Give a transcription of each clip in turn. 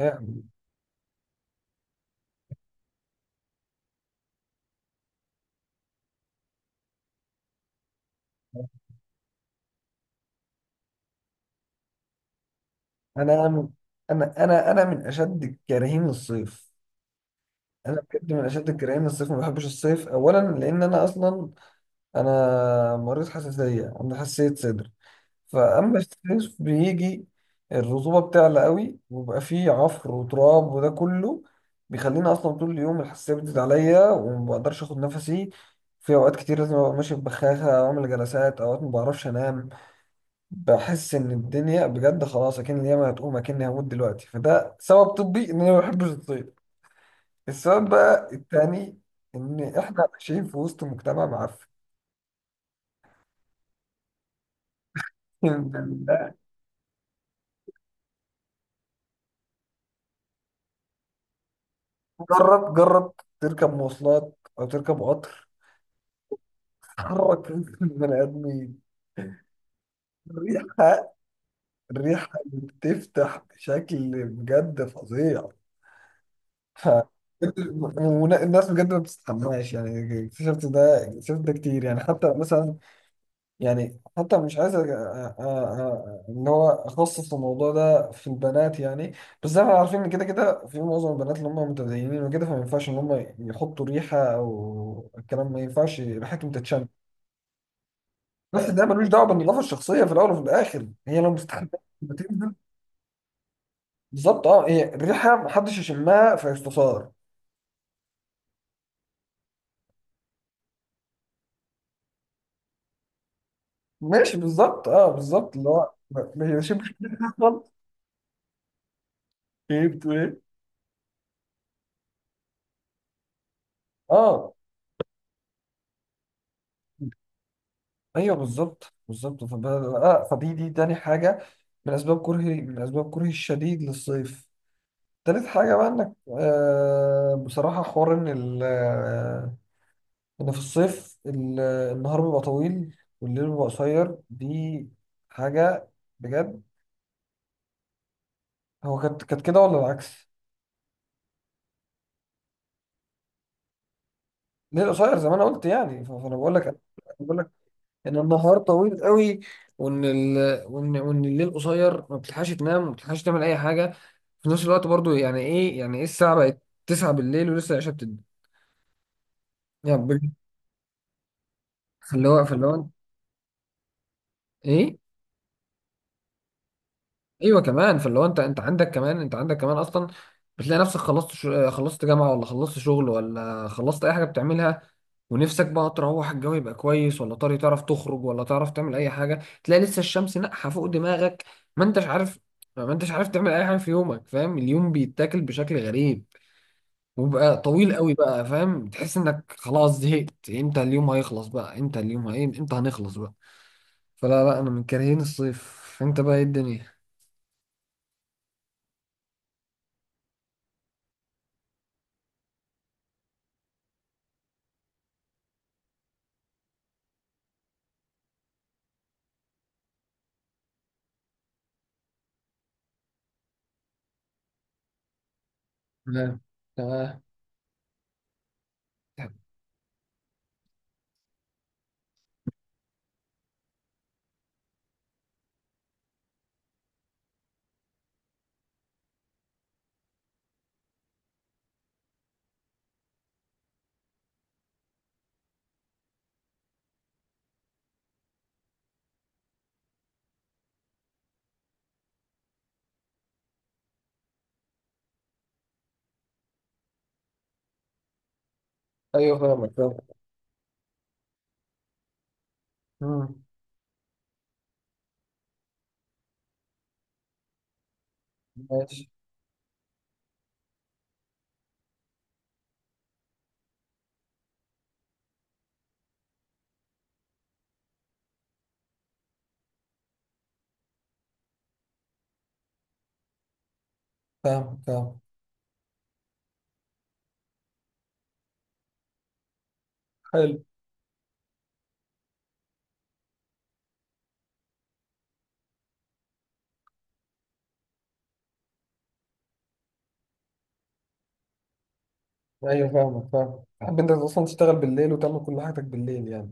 لا، انا من انا من اشد كارهين الصيف. انا بجد من اشد الكارهين الصيف، ما بحبش الصيف. اولا لان انا اصلا انا مريض حساسيه، عندي حساسيه صدر. فاما الصيف بيجي، الرطوبه بتعلى قوي وبقى فيه عفر وتراب، وده كله بيخليني اصلا طول اليوم الحساسيه بتزيد عليا وما بقدرش اخد نفسي. في اوقات كتير لازم ابقى ماشي ببخاخه او اعمل جلسات، اوقات ما بعرفش انام. بحس ان الدنيا بجد خلاص، اكن اليوم هتقوم اكني هموت دلوقتي. فده سبب طبي ان انا ما بحبش الصيد. السبب بقى التاني، ان احنا عايشين في وسط مجتمع معفن. جرب جرب تركب مواصلات او تركب قطر. تحرك البني ادمين. الريحه، الريحه بتفتح بشكل بجد فظيع. ف- الناس بجد ما بتستحماش، يعني اكتشفت ده، اكتشفت ده كتير يعني. حتى مثلا، يعني حتى مش عايز ان هو اخصص الموضوع ده في البنات يعني. بس احنا عارفين ان كده كده في معظم البنات اللي هم متدينين وكده، فما ينفعش ان هم يحطوا ريحه او الكلام، ما ينفعش ريحتهم تتشم. بس ده ملوش دعوه بالنظافه الشخصيه، في الاول وفي الاخر هي لو مستحبه بتنزل. بالظبط، اه، هي الريحه محدش يشمها فيستثار. ماشي، بالظبط، اه، بالظبط اللي هو ما يشمش ريحة خالص. ايه، بتقول ايه؟ اه، ايوه، بالظبط بالظبط. فب... آه فدي تاني حاجه من اسباب كرهي، الشديد للصيف. تالت حاجه بقى انك، بصراحه، حوار ان ال... آه ان في الصيف، ال... آه، النهار بيبقى طويل والليل بيبقى قصير. دي حاجه بجد. هو كانت كده ولا العكس؟ ليه قصير زي ما انا قلت يعني. فانا بقول لك، بقول لك ان النهار طويل قوي، وان ال... وان وان الليل قصير ما بتلحقش تنام وما بتلحقش تعمل اي حاجه في نفس الوقت برضو. يعني ايه، الساعه بقت 9 بالليل ولسه العشاء بتدي. يعني بجد. فاللي هو ايه. ايوه كمان. فاللي هو انت عندك كمان اصلا بتلاقي نفسك، خلصت جامعه ولا خلصت شغل ولا خلصت اي حاجه بتعملها، ونفسك بقى تروح، الجو يبقى كويس ولا طاري تعرف تخرج ولا تعرف تعمل اي حاجه. تلاقي لسه الشمس ناقحه فوق دماغك. ما انتش عارف، تعمل اي حاجه في يومك. فاهم، اليوم بيتاكل بشكل غريب وبقى طويل قوي بقى. فاهم، تحس انك خلاص زهقت، امتى اليوم هيخلص بقى، امتى هنخلص بقى. فلا لا، انا من كارهين الصيف. انت بقى ايه الدنيا؟ تمام. تمام. ايوه، فاهمك، فاهم. مم. ماشي. فاهم، فاهم. حلو. ايوه، فاهمك، فاهم. تحب انت اصلا تشتغل بالليل وتعمل كل حاجتك بالليل يعني.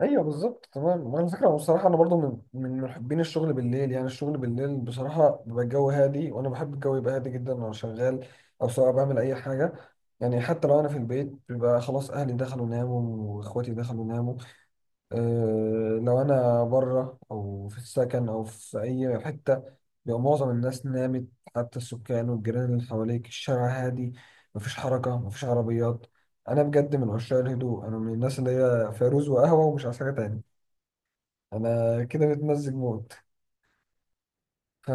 ايوه، بالظبط. تمام. على فكره بصراحه، انا برضو من محبين الشغل بالليل. يعني الشغل بالليل بصراحه بيبقى الجو هادي، وانا بحب الجو يبقى هادي جدا وانا شغال او سواء بعمل اي حاجه. يعني حتى لو انا في البيت، بيبقى خلاص اهلي دخلوا ناموا واخواتي دخلوا ناموا. لو انا بره او في السكن او في اي حته، بيبقى معظم الناس نامت، حتى السكان والجيران اللي حواليك. الشارع هادي، مفيش حركه، مفيش عربيات. انا بجد من عشاق الهدوء. انا من الناس اللي هي فيروز وقهوه ومش عايز حاجه تاني. انا كده متمزج موت. ف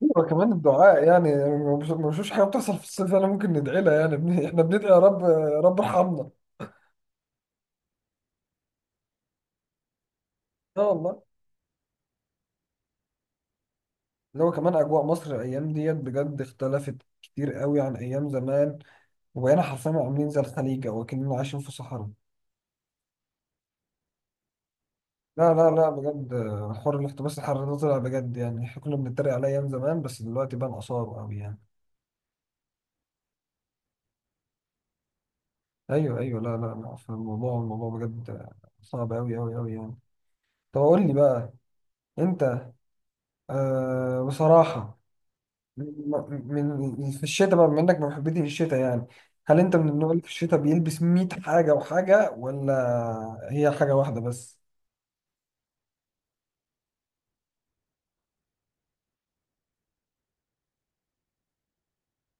وكمان الدعاء، يعني أنا ما بشوفش حاجه بتحصل في الصيف انا ممكن ندعي لها يعني. احنا بندعي يا رب يا رب ارحمنا. لا والله. اللي هو كمان أجواء مصر الأيام ديت بجد اختلفت كتير قوي عن أيام زمان، وبقينا حرفيا عاملين زي الخليج أو أكننا عايشين في صحراء. لا لا لا، بجد، حوار الاحتباس الحراري ده طلع بجد يعني. احنا كنا بنتريق عليه أيام زمان، بس دلوقتي بقى آثاره أوي يعني. أيوه أيوه، لا لا لا، في الموضوع، الموضوع بجد صعب أوي أوي أوي يعني. طب قول لي بقى، أنت، بصراحة، من في الشتاء بقى، بما انك من محبتي في الشتاء يعني، هل انت من النوع اللي في الشتاء بيلبس 100 حاجة وحاجة، ولا هي حاجة واحدة بس؟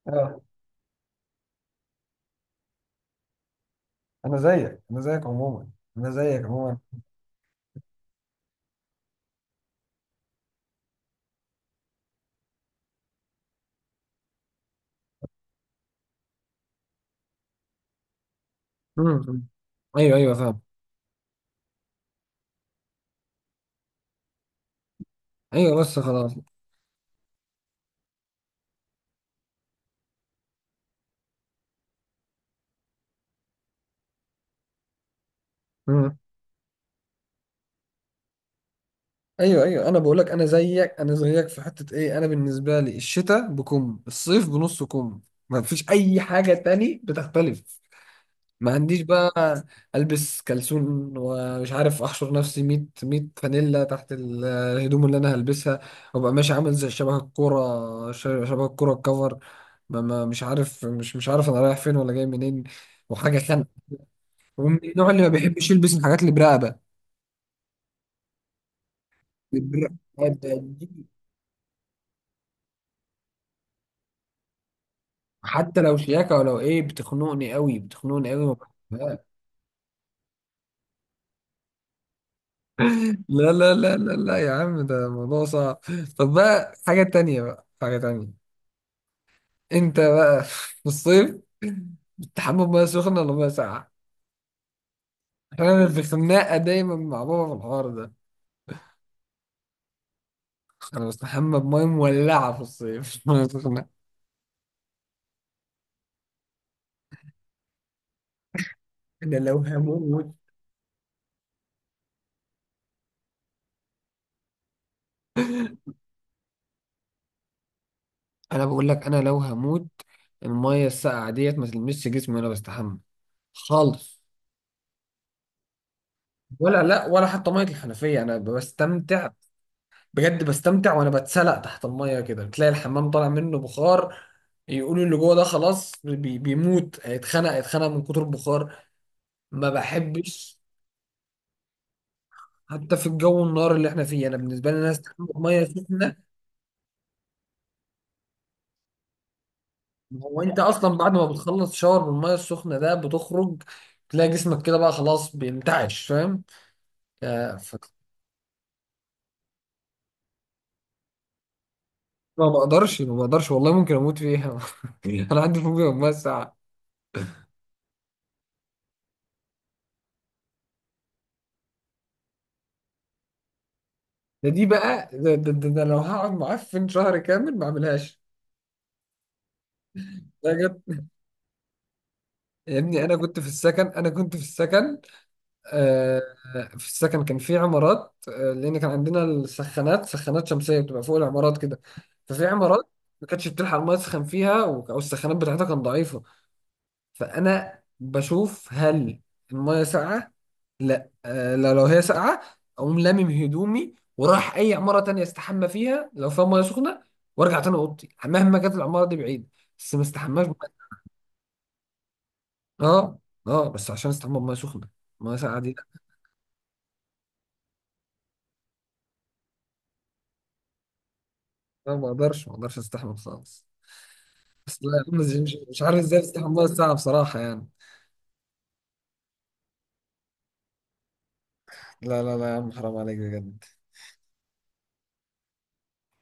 اه، انا زيك، انا زيك عموما. مم. ايوه ايوه، فاهم. ايوه، بس خلاص. مم. ايوه ايوه، انا بقول لك، انا زيك، في حته ايه. انا بالنسبه لي الشتاء بكم، الصيف بنص كم. ما فيش اي حاجه تاني بتختلف. ما عنديش بقى، البس كلسون ومش عارف احشر نفسي 100 100 فانيلا تحت الهدوم اللي انا هلبسها، وابقى ماشي عامل زي شبه الكوره، شبه الكوره الكفر. ما مش عارف، مش عارف انا رايح فين ولا جاي منين. وحاجه خانقه. ومن النوع اللي ما بيحبش يلبس الحاجات اللي برقبه. البر- دي حتى لو شياكه ولو ايه، بتخنقني قوي، بتخنقني قوي، ما بحبهاش. لا لا لا لا لا يا عم، ده موضوع صعب. طب بقى، حاجه تانية بقى، حاجه تانية. انت بقى في الصيف بتستحمى بميه سخنه ولا ميه ساقعه؟ عشان انا في خناقه دايما مع بابا في الحوار ده. انا بستحمى بميه مولعه في الصيف، ميه سخنه. انا لو هموت انا بقول لك، انا لو هموت، الميه الساقعه ديت ما تلمسش جسمي وانا بستحمى خالص. ولا لا، ولا حتى ميه الحنفيه، انا بستمتع بجد. بستمتع، وانا بتسلق تحت الميه كده، بتلاقي الحمام طالع منه بخار. يقولوا اللي جوه ده خلاص، بيموت، هيتخنق، هيتخنق من كتر البخار. ما بحبش. حتى في الجو النار اللي احنا فيه، انا بالنسبه لي الناس تحمل ميه سخنه. هو انت اصلا بعد ما بتخلص شاور بالميه السخنه ده بتخرج تلاقي جسمك كده بقى خلاص بينتعش. فاهم، آه، ف- ما بقدرش، ما بقدرش والله، ممكن اموت فيها. انا عندي فوبيا من الميه الساقعه. ده، دي بقى ده, ده, ده, ده لو هقعد معفن شهر كامل ما اعملهاش. ده جد. يا ابني، انا كنت في السكن، آه، في السكن كان في عمارات. لان كان عندنا السخانات، سخانات شمسيه بتبقى فوق العمارات كده. ففي عمارات ما كانتش بتلحق الميه تسخن فيها، او السخانات بتاعتها كانت ضعيفه. فانا بشوف هل الميه ساقعه. لا. لا لو هي ساقعه اقوم لامم هدومي وراح اي عماره تانية استحمى فيها لو فيها ميه سخنه، وارجع تاني اوضتي مهما كانت العماره دي بعيد. بس ما استحماش بمية- اه. اه، بس عشان استحمى بميه سخنه. ميه ساقعه دي لا، ما اقدرش، استحمى خالص. بس لا يا عم، مش عارف ازاي بتستحملها الساعة بصراحة يعني. لا لا لا يا عم، حرام عليك بجد.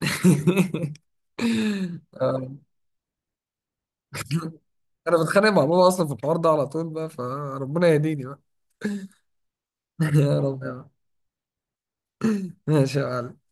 آه. انا بتخانق مع بابا اصلا في الحوار ده على طول بقى، فربنا يهديني بقى. يا رب يا عم. ماشي يا معلم.